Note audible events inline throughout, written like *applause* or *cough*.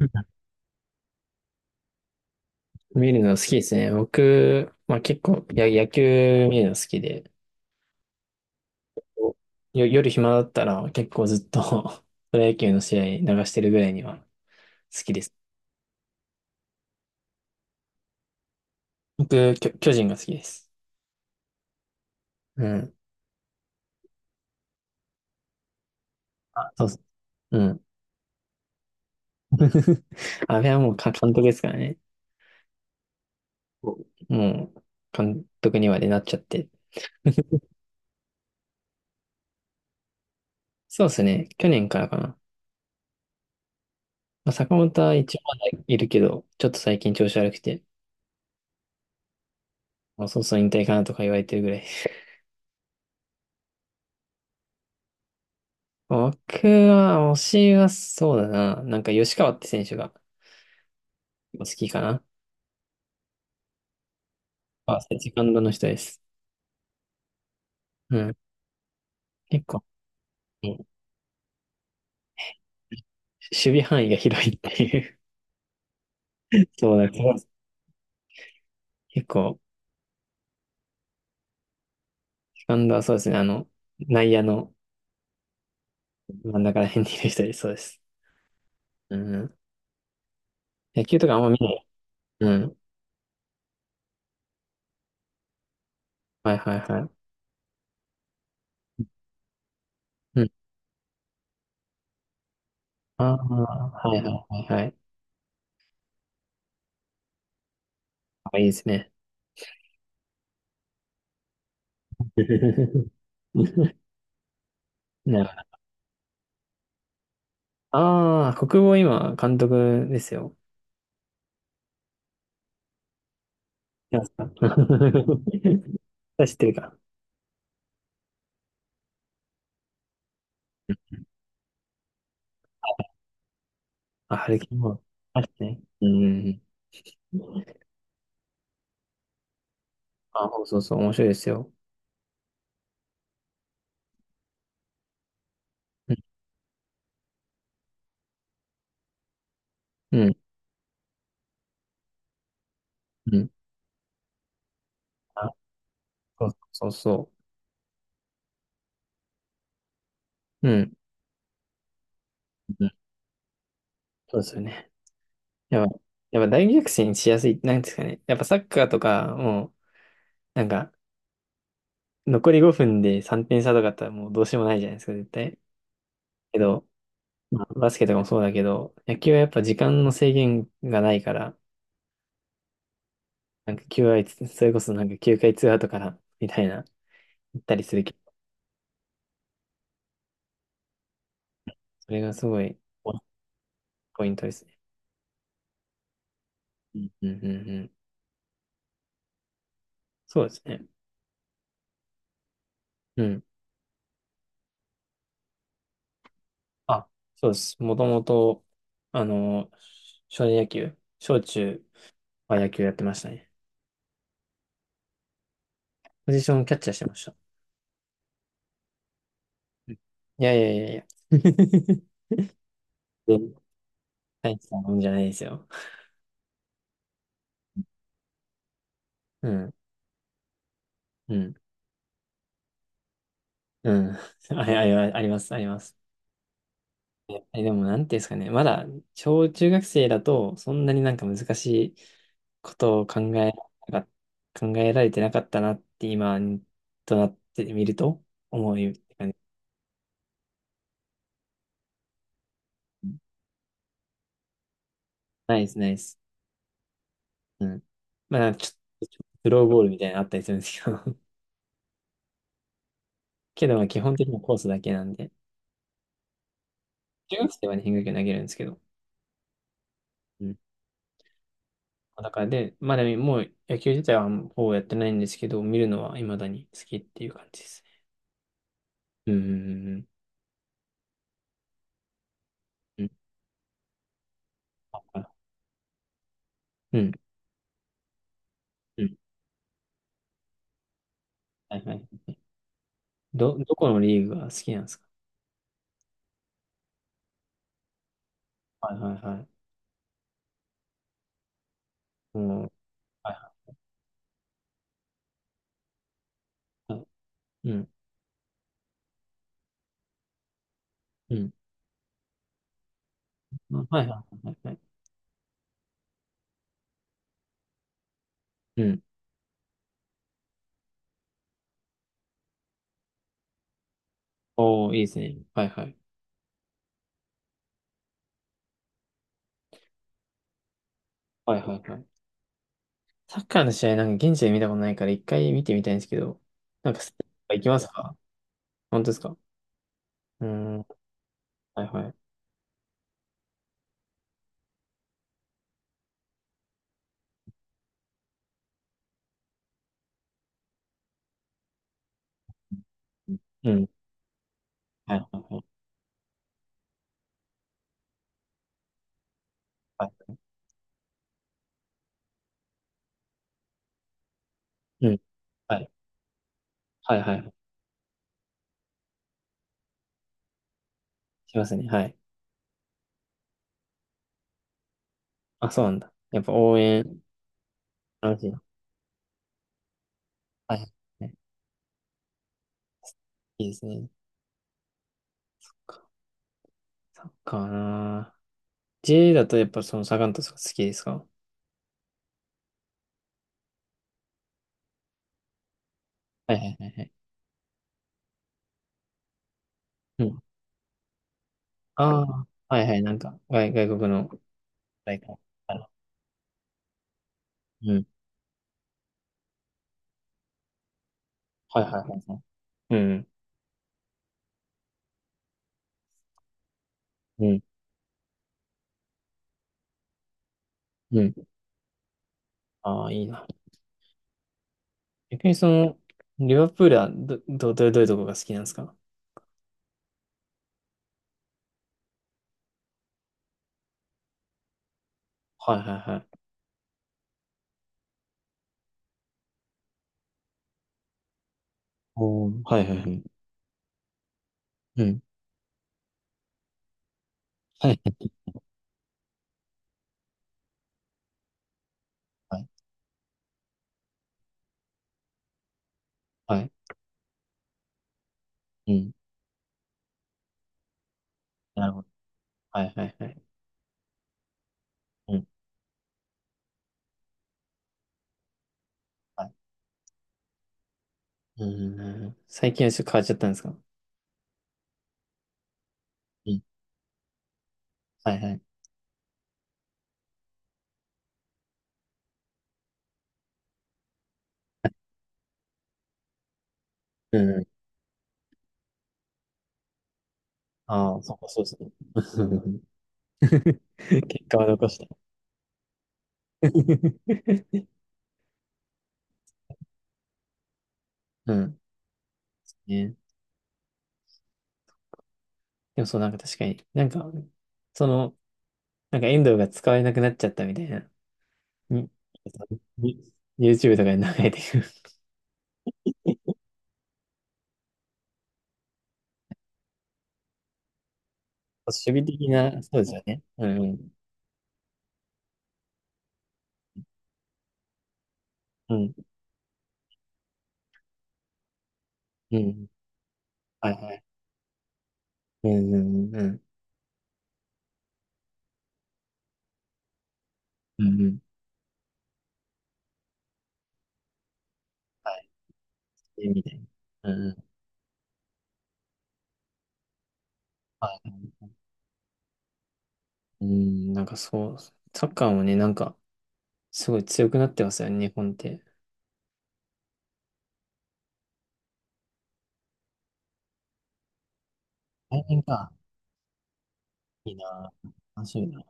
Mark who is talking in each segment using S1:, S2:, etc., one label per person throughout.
S1: *laughs* 見るの好きですね。僕、まあ結構、野球見るの好きで、夜暇だったら結構ずっと *laughs* プロ野球の試合流してるぐらいには好きです。僕、巨人が好きです。うん。あ、そうそう。うん。*laughs* あれはもうか監督ですからね。もう、監督にまでなっちゃって。*laughs* そうですね。去年からかな。まあ、坂本は一応まだいるけど、ちょっと最近調子悪くて、もうそろそろ引退かなとか言われてるぐらい。僕は、推しはそうだな。なんか吉川って選手が好きかな。まあ、セカンドの人です。うん。結構、うん、守備範囲が広いっていう。*laughs* そうだけど、結構、セカンドはそうですね。あの、内野の真ん中ら辺にいる人です。そうです。うん。野球とかあんま見ない。うん。はいはいはい。うん。ああ、はいはいはいはい。あ、いいですね。*laughs* なるほど。ああ、国防今、監督ですよ。やつか。*laughs* 知ってるか。あ、ハルキも。あれね。うん。あ、そうそうそう、面白いですよ。うん。うん。うん。あ、そうそうそう。うん。うん。そうですよね。やっぱ、やっぱ大逆転しやすい、なんですかね。やっぱサッカーとか、もう、なんか、残り5分で3点差とかだったらもうどうしようもないじゃないですか、絶対。けど、まあ、バスケとかもそうだけど、野球はやっぱ時間の制限がないから、なんか9回、それこそなんか9回ツーアウトから、みたいな、行ったりする、それがすごいポイントですね。うんうんうんうん。そうですね。うん。あ、そうです。もともと、あの、少年野球、小中は野球やってましたね。ポジションキャッチャーしてました。うん。いやいやいやいや。*laughs* で、大したもんじゃないですよ。うん、うん、うん。*laughs* あ、あ、ああります、あります。いや、でも、なんていうんですかね、まだ、小中学生だと、そんなになんか難しいことを考えなか、考えられてなかったなって、今となってみると、思い、ね、ナイス、ナイス。うん。まあ、なんかちょっとスローボールみたいなのあったりするんですけど、*laughs* けど、まあ、基本的にはコースだけなんで、中学生はね、変化球投げるんですけど、うん。だからで、まあでも、もう野球自体はほぼやってないんですけど、見るのは未だに好きっていう感じですね。うんうんうんうん。うん。うん。はいはい。どこのリーグが好きなんですか？はいはいはい。もう、はいはいはい。うん。うん。あ、はいはいはいはい。うん。おー、いいですね。はいはい。はいはいはい。サッカーの試合なんか現地で見たことないから一回見てみたいんですけど、なんかスタジアム行きますか？本当ですか？うーん。はいはい。うん。はいはいはい。はい。うん。はい。はいはいはい。しますね。はい。あ、そうなんだ。やっぱ応援、楽しい。はいはい。いいですね。サッカーなぁ。J だとやっぱそのサガン鳥とか好きですか？はいはいはいはい。うん。ああ、はいはい、なんか外国の大会ある。うん。はいはいはいはい。うん。うん。うん。ああ、いいな。逆にその、リバプールはどどういうとこが好きなんですか？はいはいはい。おお、はいはいはい。うん。はいはいはい。うん。なるほど。はいはいはい。うん。はい。うん。最近はちょっと変わっちゃったんですか？うん。はいはい。うん。ああ、そうか、そうですね。*laughs* *laughs* 結果は残した。*laughs* うん。ね。でもそう、なんか確かに、なんか、その、なんか遠藤が使えなくなっちゃったみたいな、に、に YouTube とかに流れてくる。*laughs* 守備的な、そうですよね。うん、うん、うん、うん。はいはい。うん、うん、うん、うん、うん。はい。みたいな。うん、うん。はい。うん、なんかそう、サッカーもね、なんか、すごい強くなってますよね、日本って。来年か。いいなぁ。楽しみだな。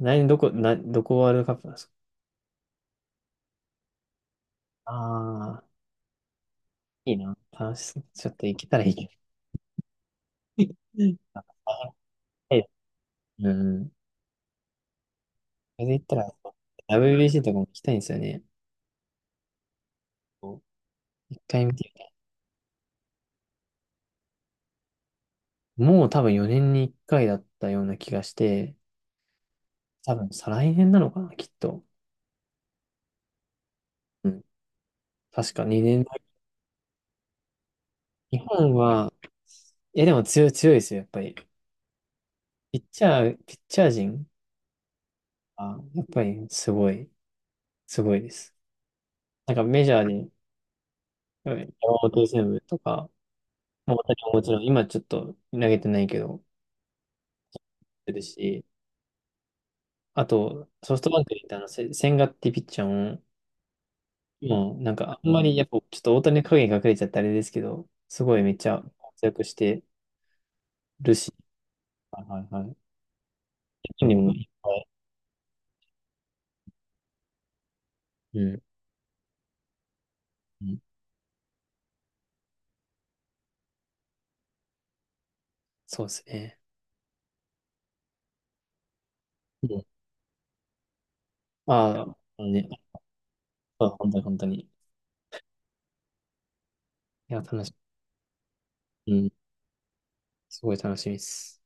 S1: 来年どこワールドカップだ？ああ、いいな。楽しそう。ちょっと行けたらいいけど。*laughs* あ、はい。うん。それで言ったら、WBC とかも行きたいんですよね。こう一回見てみたい。もう多分4年に1回だったような気がして、多分再来年なのかな、きっと。うん。確か2年。日本は、いやでも強い、強いですよ、やっぱり。ピッチャー陣は、やっぱりすごい、すごいです。なんかメジャーで、山本由伸とか、もう私ももちろん、今ちょっと投げてないけど、出るし、あと、ソフトバンクにいたあの、千賀ってピッチャーも、もうなんかあんまりやっぱちょっと大谷の影に隠れちゃってあれですけど、すごいめっちゃ活躍してるし、はいはいはい。本人もいっぱい、うん、うん、そうですね。うん、ああ、ね、あ本当に本当に。いや、楽しみ。うん、すごい楽しみです。